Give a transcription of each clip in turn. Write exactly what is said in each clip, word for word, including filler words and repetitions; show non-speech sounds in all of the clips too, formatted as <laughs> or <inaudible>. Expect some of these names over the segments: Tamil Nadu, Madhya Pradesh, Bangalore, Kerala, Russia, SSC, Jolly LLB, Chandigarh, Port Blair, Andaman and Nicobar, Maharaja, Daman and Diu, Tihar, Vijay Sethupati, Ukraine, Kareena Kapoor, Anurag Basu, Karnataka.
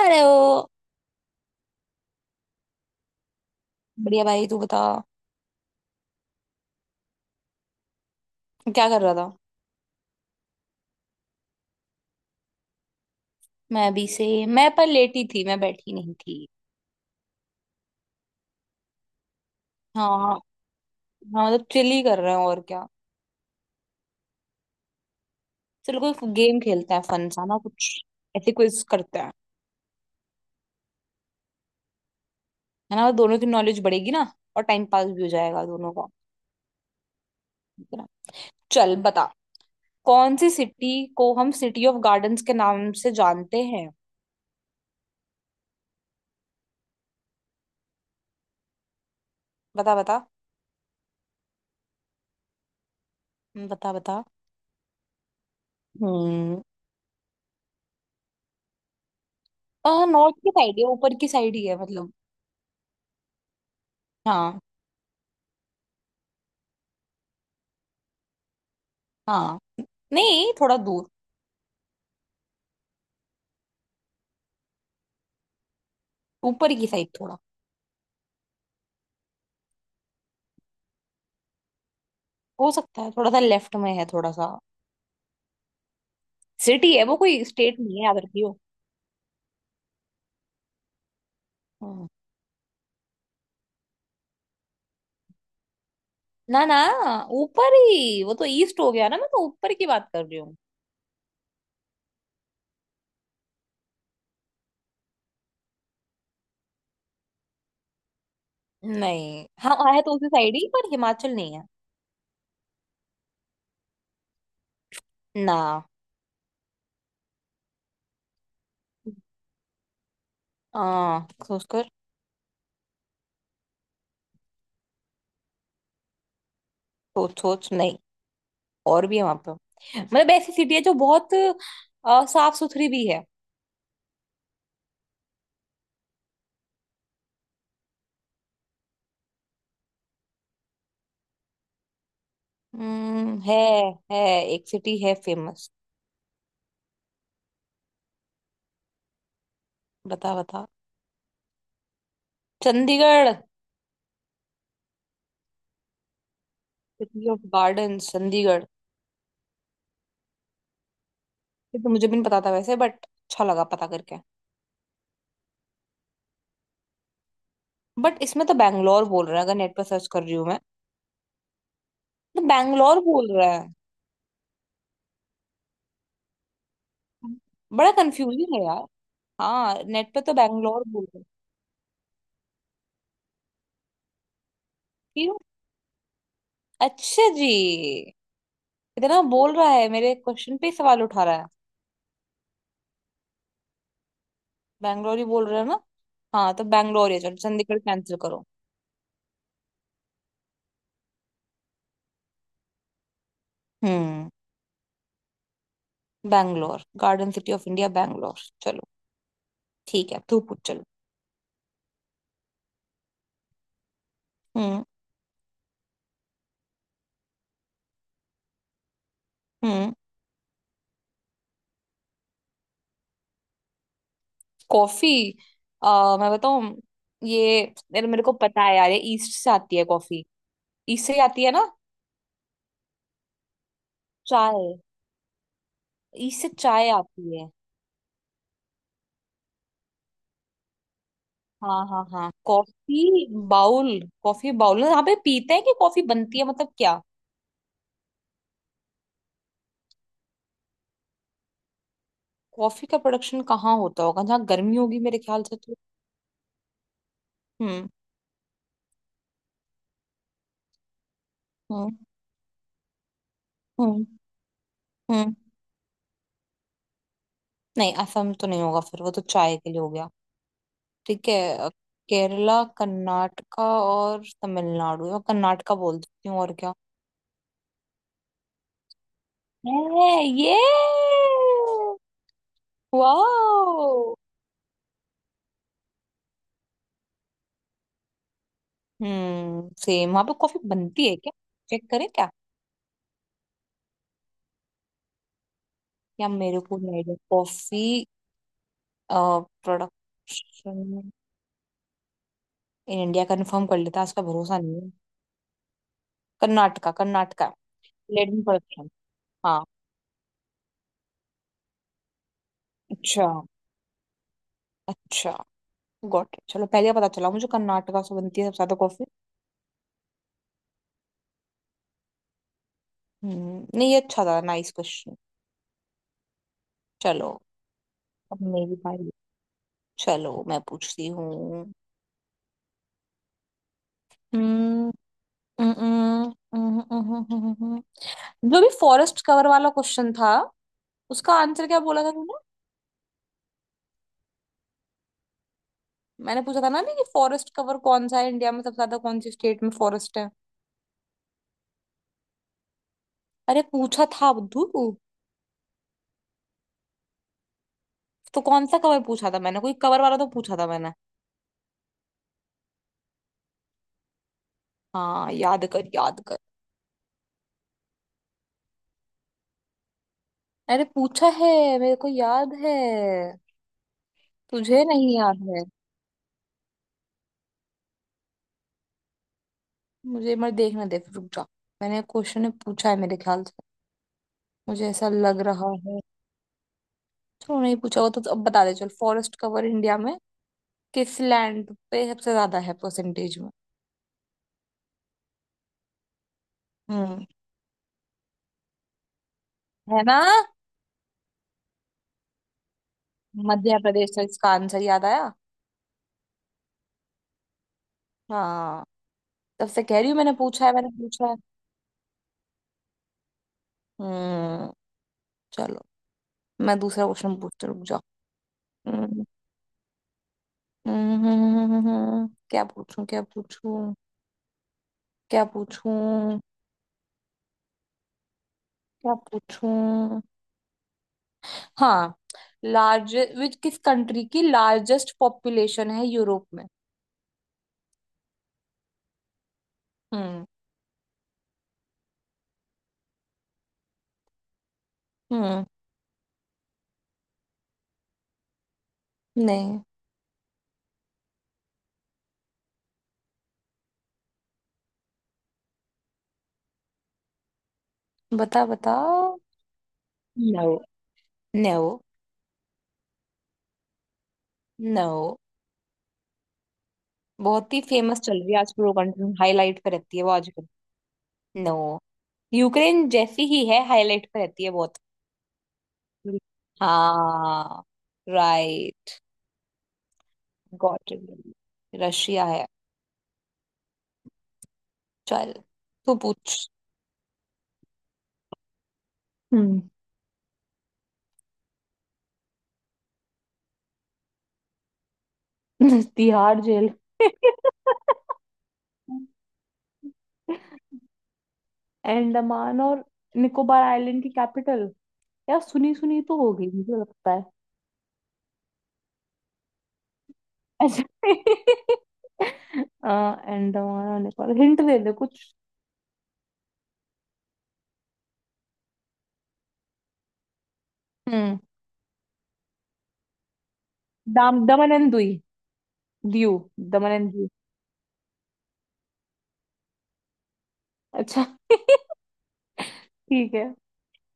Hello. बढ़िया भाई, तू बता। क्या कर रहा था? मैं अभी से मैं पर लेटी थी, मैं बैठी नहीं थी। हाँ, हाँ। मतलब चिल ही कर रहे हैं, और क्या। चलो कोई गेम खेलते हैं, फन सा ना कुछ। ऐसे क्विज करते हैं। है ना, दोनों की नॉलेज बढ़ेगी ना। और टाइम पास भी हो जाएगा दोनों का। ठीक है ना? चल बता। कौन सी सिटी को हम सिटी ऑफ गार्डन्स के नाम से जानते हैं? बता बता, बता बता। हम्म। नॉर्थ की साइड है, ऊपर की साइड ही है मतलब। हाँ। हाँ, नहीं थोड़ा दूर। ऊपर की साइड थोड़ा। हो सकता है, थोड़ा सा लेफ्ट में है, थोड़ा सा। सिटी है वो, कोई स्टेट नहीं है, याद रखियो। हम्म। ना, ना। ऊपर ही, वो तो ईस्ट हो गया ना, मैं तो ऊपर की बात कर रही हूँ। नहीं, हाँ है तो उसी साइड ही, पर हिमाचल नहीं है। ना। हाँ, सोच कर। सोच सोच, नहीं। और भी है वहां पे। मतलब ऐसी सिटी है जो बहुत अ, साफ सुथरी भी है। हम्म। है, है। एक सिटी है फेमस। बता बता। Chandigarh. City of garden Chandigarh. ये तो मुझे भी नहीं पता था वैसे, बट अच्छा लगा पता करके। बट इसमें तो बैंगलोर बोल रहा है, अगर नेट पर सर्च कर रही हूँ मैं। तो बैंगलोर बोल रहा है। बड़ा कंफ्यूजिंग है यार। हाँ, नेट पे तो बैंगलोर बोल रहा है। क्यों? अच्छा जी। इतना बोल रहा है, मेरे क्वेश्चन पे ही सवाल उठा रहा है। बैंगलोर ही बोल रहे हो ना? हाँ, तो बैंगलोर ही है। चलो चंडीगढ़ कैंसिल करो। हम्म। Bangalore. Garden city of India Bangalore. चलो। ठीक है, तू पूछ। चलो। हम्म। हम्म। कॉफी। आ, मैं बताऊं। ये मेरे मेरे को पता है यार, ये ईस्ट से आती है कॉफी। ईस्ट से ही आती है ना? चाय। ईस्ट से चाय आती है। हाँ हाँ हाँ, कॉफी बाउल। कॉफी बाउल यहाँ पे पीते हैं कि कॉफी बनती है मतलब, क्या? कॉफी का प्रोडक्शन कहाँ होता होगा? जहाँ गर्मी होगी मेरे ख्याल से तो। हम्म। हम्म। हम्म। हम्म। नहीं, असम तो नहीं होगा, फिर वो तो चाय के लिए हो गया। ठीक है, अ, केरला, कर्नाटका और तमिलनाडु। मैं कर्नाटका बोल देती हूँ, और क्या। है। ये। वाओ। हम्म सेम वहां पे कॉफी बनती है क्या? चेक करें क्या? या मेरे को नहीं idea, coffee. Production. In India. Confirm कर लेता, उसका भरोसा नहीं है। कर्नाटका, कर्नाटका। Laden production. हाँ। अच्छा, अच्छा। गॉट। चलो, पहले पता चला मुझे कर्नाटका से बनती है सबसे ज्यादा कॉफी। हम्म नहीं, ये अच्छा था। Nice question. चलो। अब मेरी बारी। चलो, मैं पूछती हूँ। हम्म। हम्म, हम्म, हम्म, हम्म, हम्म। हम्म, हम्म। जो भी फॉरेस्ट कवर वाला क्वेश्चन था, उसका आंसर क्या बोला था तूने? मैंने पूछा था ना अभी कि फॉरेस्ट कवर कौन सा है इंडिया में, सबसे ज्यादा कौन सी स्टेट में फॉरेस्ट है। अरे, पूछा था बुद्धू। तो कौन सा कवर पूछा था मैंने? कोई कवर वाला तो पूछा था मैंने। हाँ, याद कर, याद कर। अरे, पूछा है। मेरे को याद है। तुझे नहीं याद है? मुझे मत देखना दे, रुक जा। मैंने क्वेश्चन पूछा है मेरे ख्याल से। मुझे ऐसा लग रहा है। चलो, नहीं पूछा होगा तो अब बता दे चल। फॉरेस्ट कवर इंडिया में, किस लैंड पे सबसे ज्यादा है परसेंटेज में? हम्म। है ना? मध्य प्रदेश था इसका आंसर, याद आया। हाँ। तब से कह रही हूँ, मैंने पूछा है, मैंने पूछा है। हम्म। चलो। मैं दूसरा क्वेश्चन पूछती हूँ, रुक जाओ। हम्म, हम्म, हम्म, हम्म, हम्म, हम्म, हम्म। क्या पूछूं, क्या पूछूं। क्या पूछूं। क्या पूछूं। हाँ। लार्ज विच किस कंट्री की लार्जेस्ट पॉपुलेशन है यूरोप में? हम्म। हम्म। नहीं। बता बताओ। नो। नो। नो। बहुत ही फेमस चल रही है आजकल वो कंट्री, हाईलाइट पे रहती है वो आजकल। नो। यूक्रेन जैसी ही है, हाईलाइट पे रहती है बहुत। हाँ। राइट। Got it. रशिया है। चल। तू पूछ। हम्म। <laughs> तिहाड़ जेल। अंडमान और निकोबार आइलैंड की कैपिटल। यार सुनी सुनी तो हो गई, मुझे लगता है। अच्छा। <laughs> अंडमान और निकोबार, हिंट दे दे कुछ। हम्म। दाम दमन एंड दुई। दीव। दमन एंड दीव। अच्छा। <laughs> ठीक है।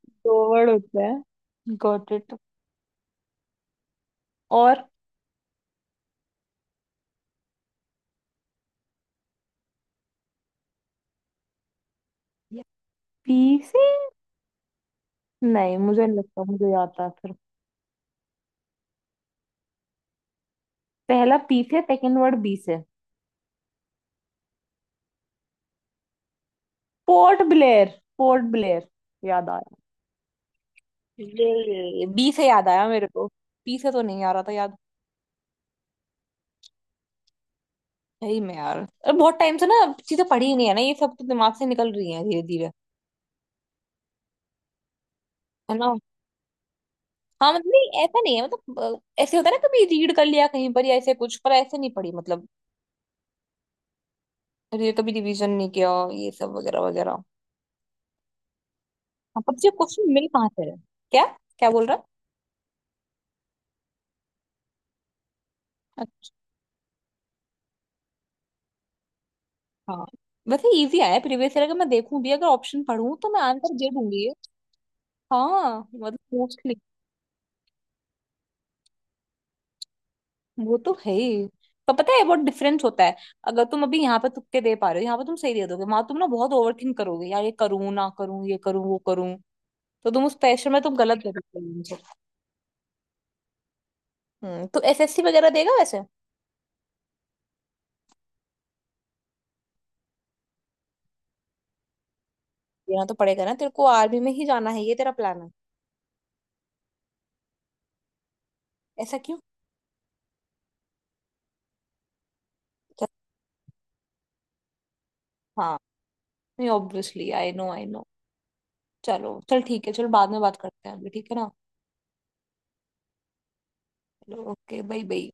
दो वर्ड होते हैं, गॉट इट। और। पी से। नहीं, मुझे नहीं लगता, मुझे याद था फिर। पहला पी से, सेकंड वर्ड बी से। Port Blair. Port Blair. याद आया। ये बी से याद आया मेरे को। पी से तो नहीं आ रहा था याद। सही में यार, और बहुत टाइम से ना, चीजें पढ़ी ही नहीं है ना, ये सब तो दिमाग से निकल रही है धीरे धीरे। है ना? हाँ मतलब, नहीं, ऐसा नहीं है मतलब। अ, ऐसे होता है ना, कभी रीड कर लिया कहीं पर या ऐसे कुछ, पर ऐसे नहीं पढ़ी मतलब। रि- कभी रिवीजन नहीं किया, ये सब वगैरह वगैरह। हाँ, पर तुझे क्वेश्चन मिल कहाँ से रहे? क्या? क्या बोल रहा है? अच्छा। वैसे इजी आया प्रीवियस ईयर, अगर मैं देखूं भी, अगर ऑप्शन पढ़ूं तो मैं आंसर दे दूंगी ये। हाँ मतलब। वो तो है ही। पर पता है, बहुत डिफरेंस होता है। अगर तुम अभी यहाँ पे तुक्के दे पा रहे हो, यहाँ पे तुम सही दे दोगे, वहां तुम ना बहुत ओवर थिंक करोगे यार, ये करूँ ना करूँ, ये करूँ वो करूँ। तो तुम उस प्रेशर में तुम गलत दे देते हो मुझे। हम्म तो एस एस सी वगैरह देगा वैसे? देना तो पड़ेगा ना तेरे को। आर्मी में ही जाना है, ये तेरा प्लान है? ऐसा क्यों? चल। हाँ, नहीं obviously, I know I know. चलो चल ठीक है, चलो बाद में बात करते हैं अभी, ठीक है ना? चलो, ओके, बाय बाय।